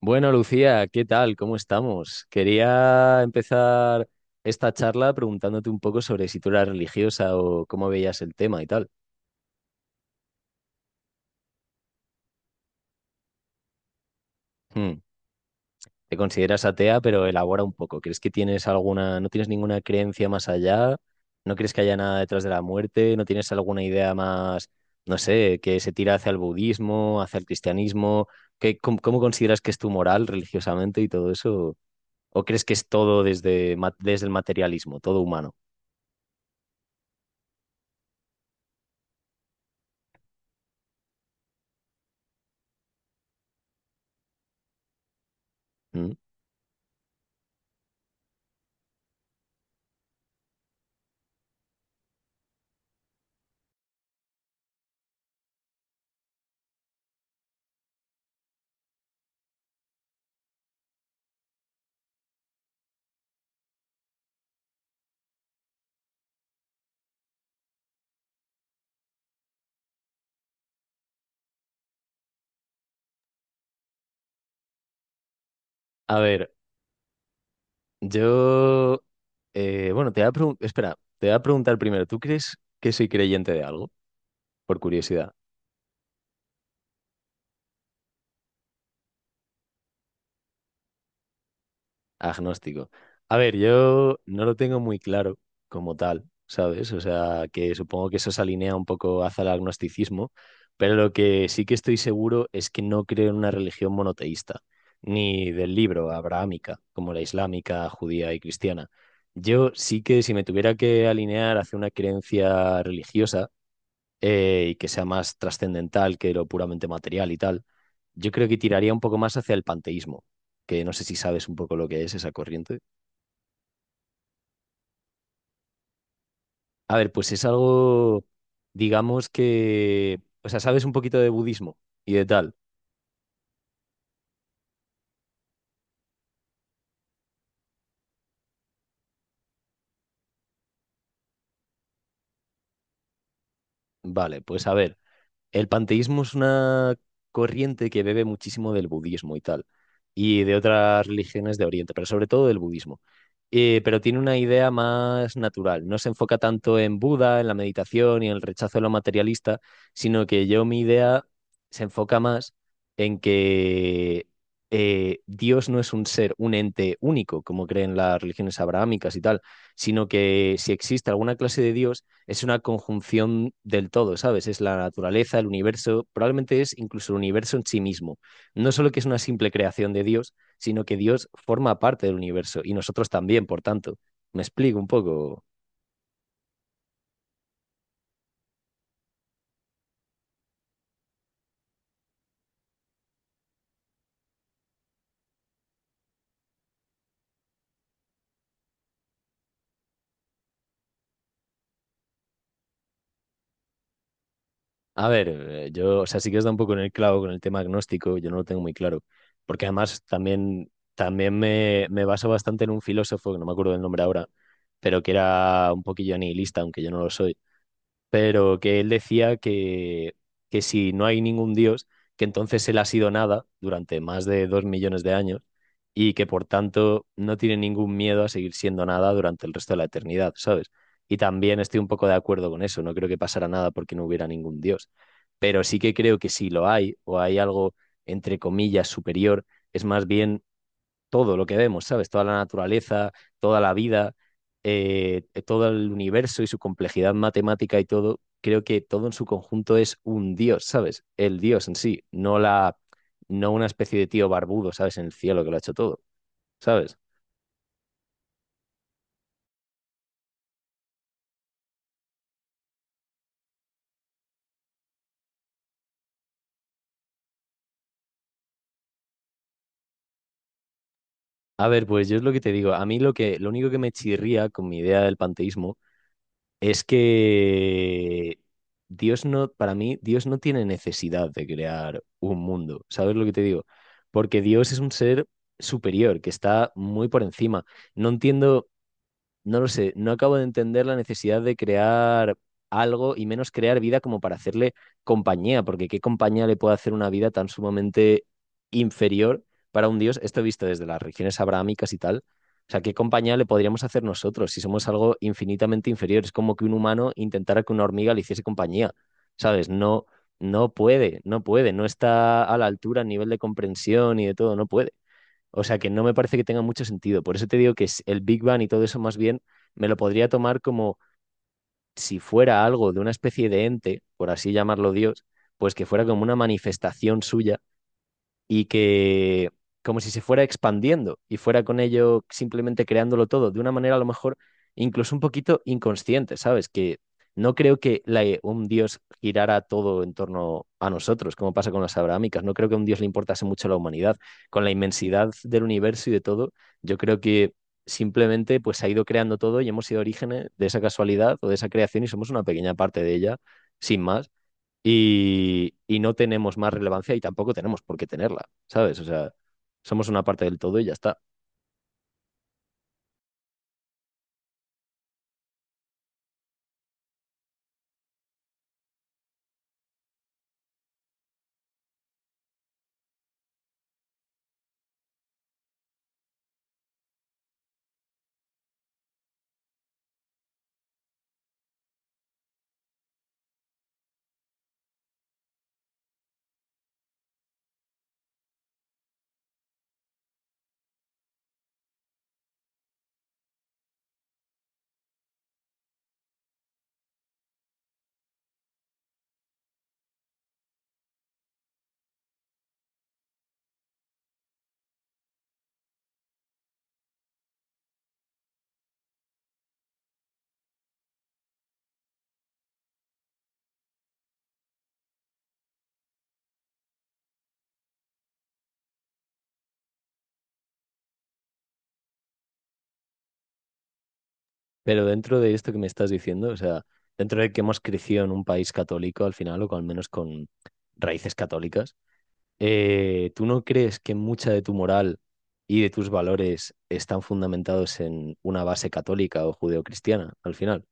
Bueno, Lucía, ¿qué tal? ¿Cómo estamos? Quería empezar esta charla preguntándote un poco sobre si tú eras religiosa o cómo veías el tema y tal. Hmm, Te consideras atea, pero elabora un poco. ¿Crees que tienes alguna, no tienes ninguna creencia más allá? ¿No crees que haya nada detrás de la muerte? ¿No tienes alguna idea más, no sé, que se tira hacia el budismo, hacia el cristianismo? ¿Qué, cómo, cómo consideras que es tu moral religiosamente y todo eso? ¿O crees que es todo desde, desde el materialismo, todo humano? Hmm. A ver, yo, bueno, te voy a preguntar, espera, te voy a preguntar primero, ¿tú crees que soy creyente de algo? Por curiosidad, agnóstico. A ver, yo no lo tengo muy claro como tal, ¿sabes? O sea, que supongo que eso se alinea un poco hacia el agnosticismo, pero lo que sí que estoy seguro es que no creo en una religión monoteísta, ni del libro abrahámica, como la islámica, judía y cristiana. Yo sí que si me tuviera que alinear hacia una creencia religiosa, y que sea más trascendental que lo puramente material y tal, yo creo que tiraría un poco más hacia el panteísmo, que no sé si sabes un poco lo que es esa corriente. A ver, pues es algo, digamos que, o sea, sabes un poquito de budismo y de tal. Vale, pues a ver, el panteísmo es una corriente que bebe muchísimo del budismo y tal, y de otras religiones de Oriente, pero sobre todo del budismo. Pero tiene una idea más natural. No se enfoca tanto en Buda, en la meditación y en el rechazo de lo materialista, sino que yo mi idea se enfoca más en que Dios no es un ser, un ente único, como creen las religiones abrahámicas y tal, sino que si existe alguna clase de Dios, es una conjunción del todo, ¿sabes? Es la naturaleza, el universo, probablemente es incluso el universo en sí mismo. No solo que es una simple creación de Dios, sino que Dios forma parte del universo y nosotros también, por tanto. Me explico un poco. A ver, yo, o sea, sí que os da un poco en el clavo con el tema agnóstico, yo no lo tengo muy claro, porque además también, también me baso bastante en un filósofo, que no me acuerdo del nombre ahora, pero que era un poquillo nihilista, aunque yo no lo soy, pero que él decía que si no hay ningún dios, que entonces él ha sido nada durante más de dos millones de años y que por tanto no tiene ningún miedo a seguir siendo nada durante el resto de la eternidad, ¿sabes? Y también estoy un poco de acuerdo con eso, no creo que pasara nada porque no hubiera ningún dios, pero sí que creo que si lo hay o hay algo entre comillas superior, es más bien todo lo que vemos, ¿sabes? Toda la naturaleza, toda la vida, todo el universo y su complejidad matemática y todo, creo que todo en su conjunto es un dios, ¿sabes? El dios en sí, no una especie de tío barbudo, ¿sabes? En el cielo que lo ha hecho todo, ¿sabes? A ver, pues yo es lo que te digo. A mí lo que, lo único que me chirría con mi idea del panteísmo es que Dios no, para mí, Dios no tiene necesidad de crear un mundo, ¿sabes lo que te digo? Porque Dios es un ser superior, que está muy por encima. No entiendo, no lo sé, no acabo de entender la necesidad de crear algo y menos crear vida como para hacerle compañía, porque ¿qué compañía le puede hacer una vida tan sumamente inferior para un dios? Esto visto desde las religiones abrahámicas y tal. O sea, ¿qué compañía le podríamos hacer nosotros si somos algo infinitamente inferior? Es como que un humano intentara que una hormiga le hiciese compañía, ¿sabes? No, no puede, no puede, no está a la altura a nivel de comprensión y de todo, no puede. O sea que no me parece que tenga mucho sentido. Por eso te digo que el Big Bang y todo eso más bien me lo podría tomar como si fuera algo de una especie de ente, por así llamarlo Dios, pues que fuera como una manifestación suya y que como si se fuera expandiendo y fuera con ello simplemente creándolo todo de una manera a lo mejor incluso un poquito inconsciente, ¿sabes? Que no creo que un dios girara todo en torno a nosotros, como pasa con las abrahámicas. No creo que a un dios le importase mucho la humanidad. Con la inmensidad del universo y de todo, yo creo que simplemente pues se ha ido creando todo y hemos sido orígenes de esa casualidad o de esa creación y somos una pequeña parte de ella, sin más y no tenemos más relevancia y tampoco tenemos por qué tenerla, ¿sabes? O sea, somos una parte del todo y ya está. Pero dentro de esto que me estás diciendo, o sea, dentro de que hemos crecido en un país católico al final, o al menos con raíces católicas, ¿tú no crees que mucha de tu moral y de tus valores están fundamentados en una base católica o judeocristiana al final?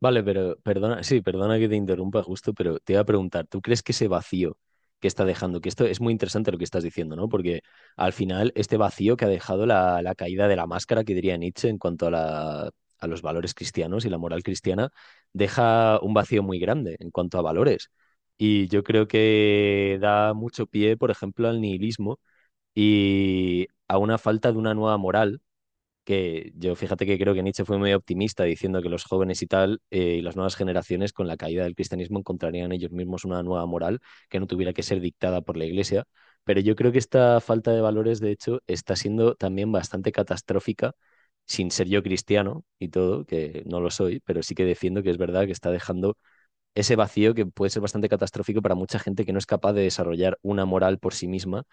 Vale, pero perdona, sí, perdona que te interrumpa justo, pero te iba a preguntar, ¿tú crees que ese vacío que está dejando, que esto es muy interesante lo que estás diciendo, ¿no? Porque al final este vacío que ha dejado la caída de la máscara, que diría Nietzsche en cuanto a la, a los valores cristianos y la moral cristiana, deja un vacío muy grande en cuanto a valores. Y yo creo que da mucho pie, por ejemplo, al nihilismo y a una falta de una nueva moral que yo fíjate que creo que Nietzsche fue muy optimista diciendo que los jóvenes y tal y las nuevas generaciones con la caída del cristianismo encontrarían ellos mismos una nueva moral que no tuviera que ser dictada por la iglesia. Pero yo creo que esta falta de valores, de hecho, está siendo también bastante catastrófica, sin ser yo cristiano y todo, que no lo soy, pero sí que defiendo que es verdad que está dejando ese vacío que puede ser bastante catastrófico para mucha gente que no es capaz de desarrollar una moral por sí misma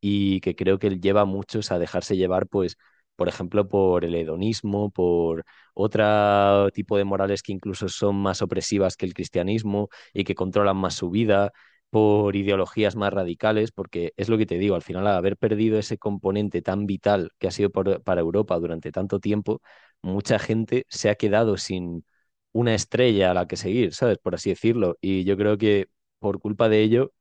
y que creo que lleva a muchos a dejarse llevar, pues, por ejemplo, por el hedonismo, por otro tipo de morales que incluso son más opresivas que el cristianismo y que controlan más su vida, por ideologías más radicales, porque es lo que te digo, al final, al haber perdido ese componente tan vital que ha sido para Europa durante tanto tiempo, mucha gente se ha quedado sin una estrella a la que seguir, ¿sabes? Por así decirlo. Y yo creo que por culpa de ello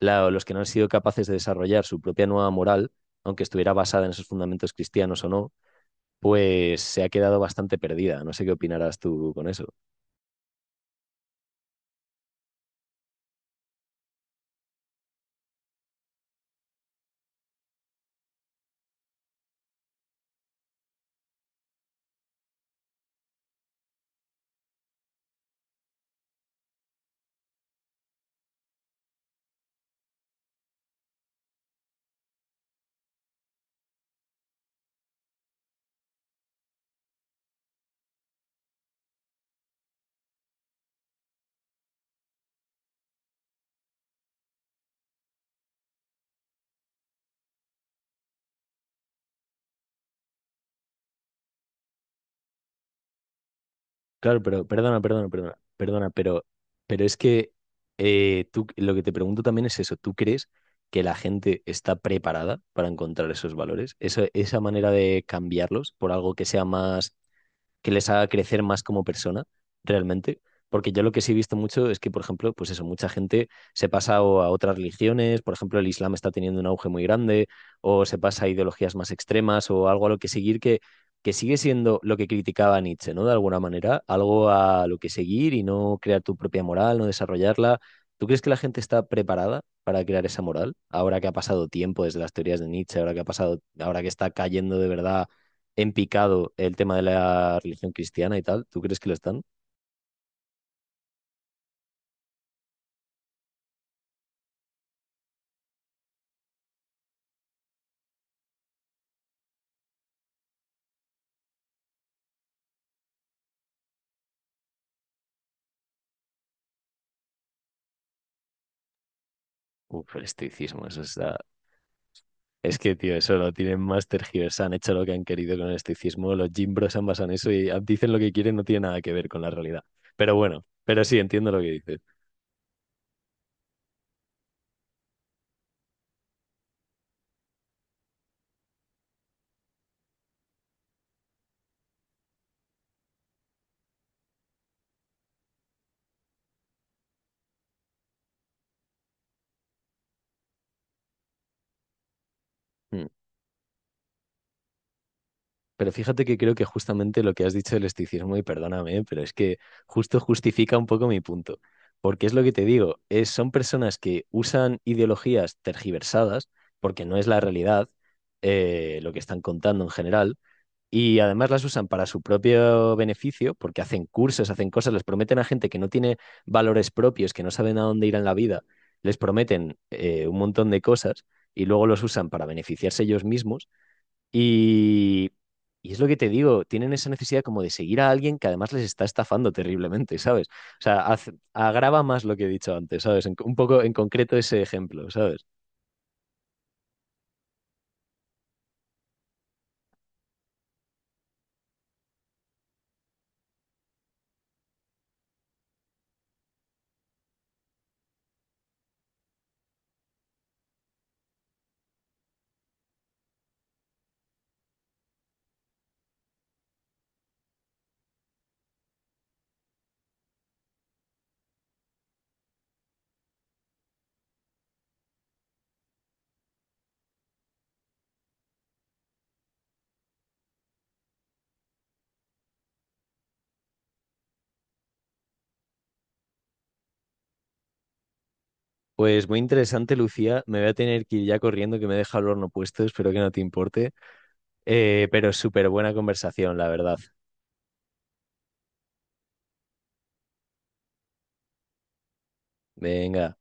los que no han sido capaces de desarrollar su propia nueva moral, aunque estuviera basada en esos fundamentos cristianos o no, pues se ha quedado bastante perdida. No sé qué opinarás tú con eso. Claro, pero perdona, pero es que tú, lo que te pregunto también es eso, ¿tú crees que la gente está preparada para encontrar esos valores? Eso, esa manera de cambiarlos por algo que sea más, que les haga crecer más como persona, realmente. Porque yo lo que sí he visto mucho es que, por ejemplo, pues eso, mucha gente se pasa o a otras religiones, por ejemplo, el Islam está teniendo un auge muy grande, o se pasa a ideologías más extremas, o algo a lo que seguir que sigue siendo lo que criticaba Nietzsche, ¿no? De alguna manera, algo a lo que seguir y no crear tu propia moral, no desarrollarla. ¿Tú crees que la gente está preparada para crear esa moral? Ahora que ha pasado tiempo desde las teorías de Nietzsche, ahora que ha pasado, ahora que está cayendo de verdad en picado el tema de la religión cristiana y tal. ¿Tú crees que lo están? Uf, el estoicismo, eso está... Es que, tío, eso lo tienen más tergiversado, han hecho lo que han querido con el estoicismo, los gimbros han basado en eso y dicen lo que quieren, no tiene nada que ver con la realidad. Pero bueno, pero sí, entiendo lo que dices. Mm. Pero fíjate que creo que justamente lo que has dicho del esticismo, y perdóname, pero es que justo justifica un poco mi punto. Porque es lo que te digo, es, son personas que usan ideologías tergiversadas, porque no es la realidad, lo que están contando en general, y además las usan para su propio beneficio, porque hacen cursos, hacen cosas, les prometen a gente que no tiene valores propios, que no saben a dónde ir en la vida, les prometen un montón de cosas y luego los usan para beneficiarse ellos mismos y, y es lo que te digo, tienen esa necesidad como de seguir a alguien que además les está estafando terriblemente, ¿sabes? O sea, agrava más lo que he dicho antes, ¿sabes? Un poco en concreto ese ejemplo, ¿sabes? Pues muy interesante, Lucía. Me voy a tener que ir ya corriendo, que me deja el horno puesto, espero que no te importe. Pero súper buena conversación, la verdad. Venga.